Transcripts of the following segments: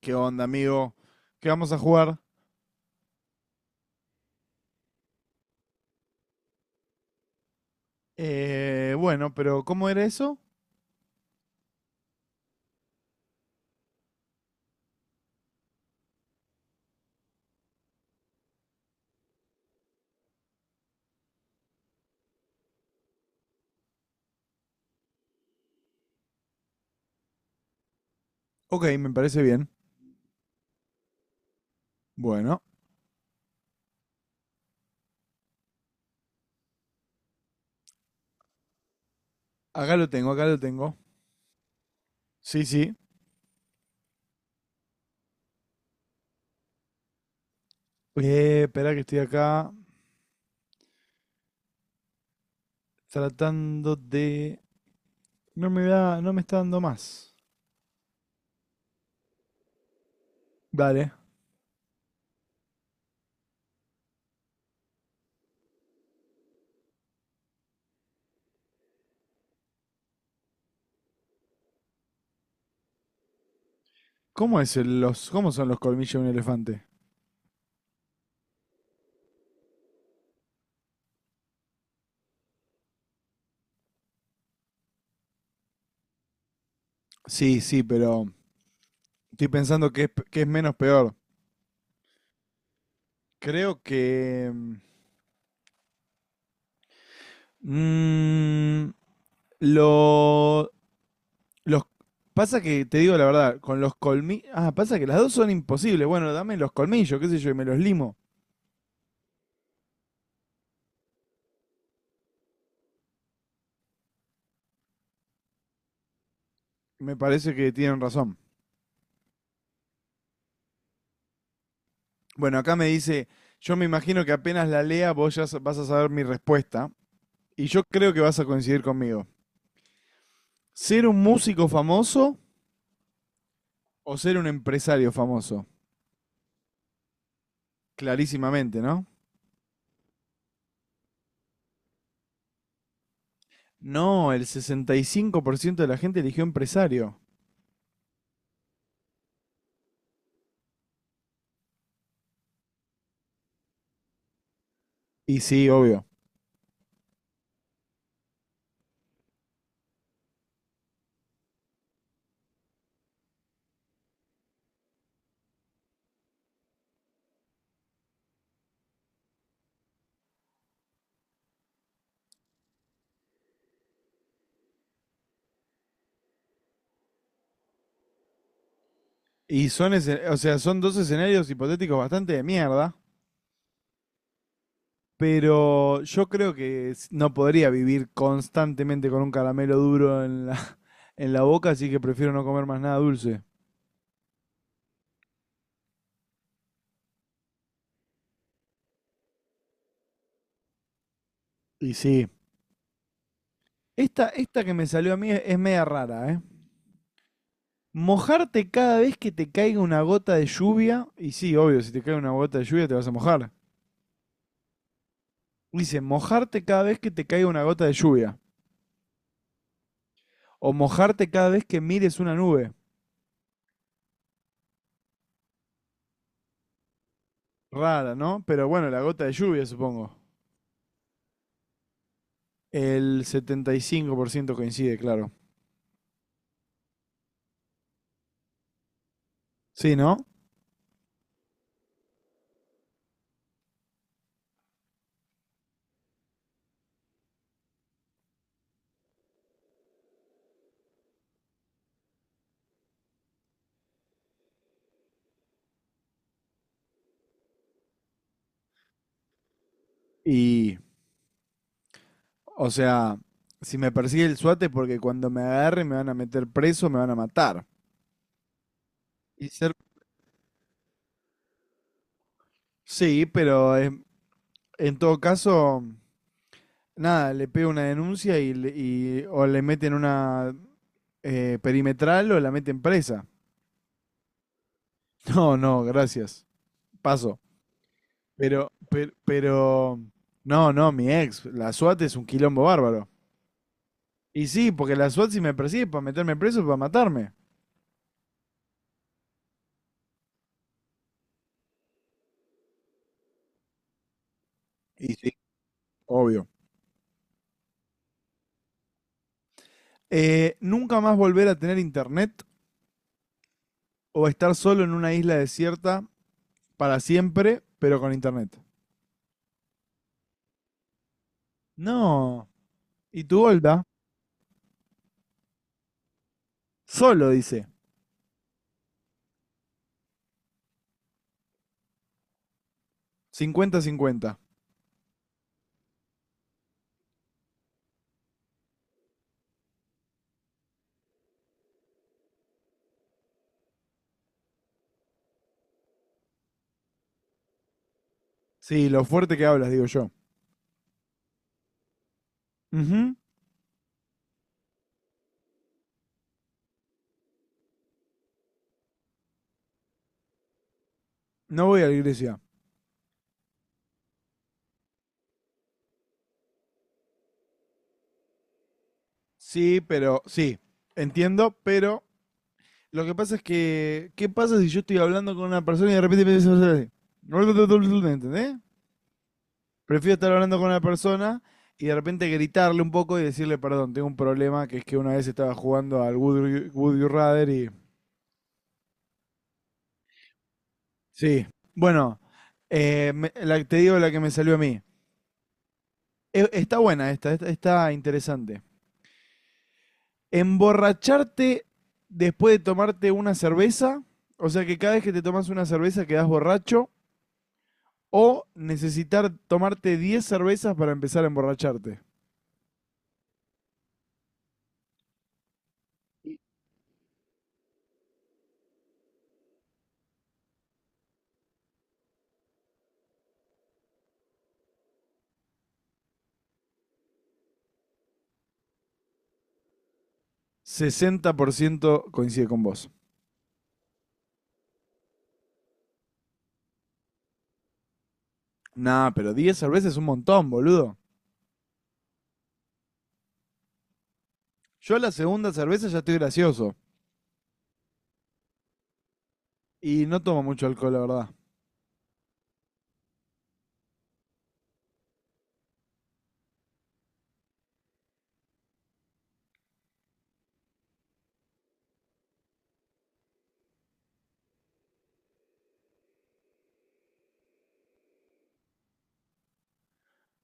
¿Qué onda, amigo? ¿Qué vamos a jugar? Bueno, pero ¿cómo era eso? Ok, me parece bien. Bueno, acá lo tengo, acá lo tengo. Sí, sí. Espera que estoy acá tratando de. No me da, no me está dando más. Dale. ¿Cómo son los colmillos de un elefante? Sí, sí, pero estoy pensando que es menos peor. Creo que... mm, lo, Los, pasa que, te digo la verdad, con los colmillos. Ah, pasa que las dos son imposibles. Bueno, dame los colmillos, qué sé yo, y me los limo. Me parece que tienen razón. Bueno, acá me dice, yo me imagino que apenas la lea vos ya vas a saber mi respuesta. Y yo creo que vas a coincidir conmigo. ¿Ser un músico famoso o ser un empresario famoso? Clarísimamente, ¿no? No, el 65% de la gente eligió empresario. Y sí, obvio. Y o sea, son dos escenarios hipotéticos bastante de mierda. Pero yo creo que no podría vivir constantemente con un caramelo duro en la en la boca, así que prefiero no comer más nada dulce. Y sí. Esta que me salió a mí es media rara, ¿eh? Mojarte cada vez que te caiga una gota de lluvia. Y sí, obvio, si te cae una gota de lluvia te vas a mojar. Dice, mojarte cada vez que te caiga una gota de lluvia. O mojarte cada vez que mires una nube. Rara, ¿no? Pero bueno, la gota de lluvia, supongo. El 75% coincide, claro. Sí, ¿no? Y, o sea, si me persigue el SWAT es porque cuando me agarre me van a meter preso, me van a matar. Y ser- Sí, pero en todo caso, nada, le pego una denuncia o le meten una perimetral o la meten presa. No, no, gracias. Paso. Pero, no, no, mi ex, la SWAT es un quilombo bárbaro. Y sí, porque la SWAT si me persigue es para meterme preso, para matarme. Y sí. Obvio. Nunca más volver a tener internet o estar solo en una isla desierta para siempre, pero con internet. No. ¿Y tu Golda? Solo, dice. 50/50. Sí, lo fuerte que hablas, digo yo. Ujú. No voy a la iglesia. Sí, pero sí. Entiendo, pero lo que pasa es que, ¿qué pasa si yo estoy hablando con una persona y de repente me dice, ¿entendés? Prefiero estar hablando con una persona y de repente gritarle un poco y decirle, perdón, tengo un problema, que es que una vez estaba jugando al Would You Rather Sí. Bueno, te digo la que me salió a mí. Está buena esta. Está interesante. Emborracharte después de tomarte una cerveza, o sea que cada vez que te tomas una cerveza quedas borracho, o necesitar tomarte 10 cervezas para empezar a emborracharte. 60% coincide con vos. Nah, pero 10 cervezas es un montón, boludo. Yo a la segunda cerveza ya estoy gracioso. Y no tomo mucho alcohol, la verdad.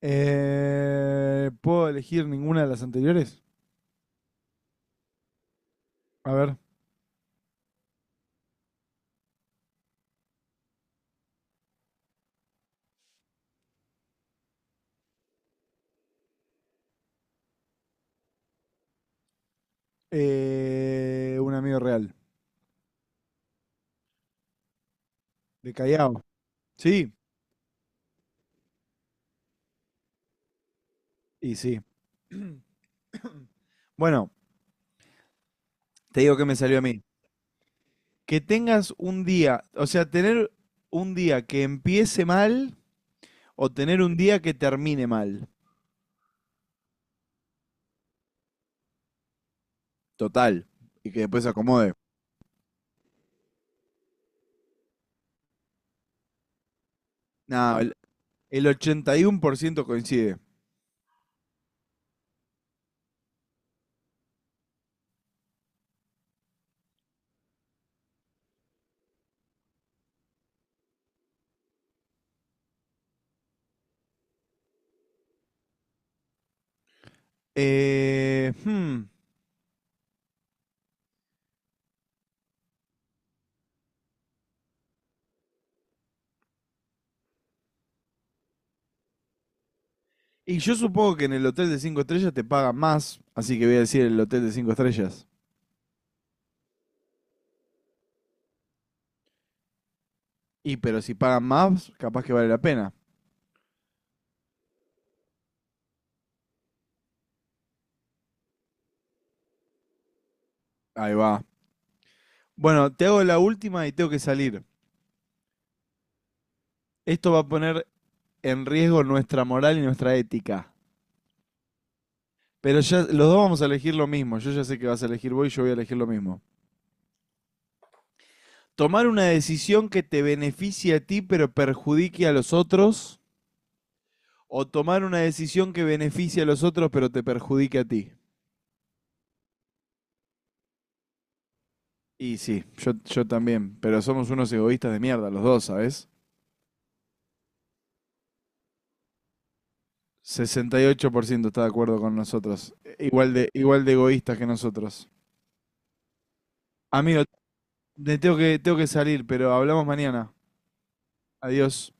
¿Puedo elegir ninguna de las anteriores? A ver. Un amigo real. De Callao. Sí, y sí. Bueno, te digo que me salió a mí. Que tengas un día, o sea, tener un día que empiece mal o tener un día que termine mal. Total. Y que después se acomode. Nah, el 81% coincide. Eh, hmm, Y yo supongo que en el hotel de 5 estrellas te pagan más, así que voy a decir el hotel de 5 estrellas. Y pero si pagan más, capaz que vale la pena. Ahí va. Bueno, te hago la última y tengo que salir. Esto va a poner en riesgo nuestra moral y nuestra ética. Pero ya los dos vamos a elegir lo mismo. Yo ya sé que vas a elegir vos y yo voy a elegir lo mismo. Tomar una decisión que te beneficie a ti pero perjudique a los otros o tomar una decisión que beneficie a los otros pero te perjudique a ti. Y sí, yo también, pero somos unos egoístas de mierda, los dos, ¿sabes? 68% está de acuerdo con nosotros, igual de egoístas que nosotros. Amigo, tengo que salir, pero hablamos mañana. Adiós.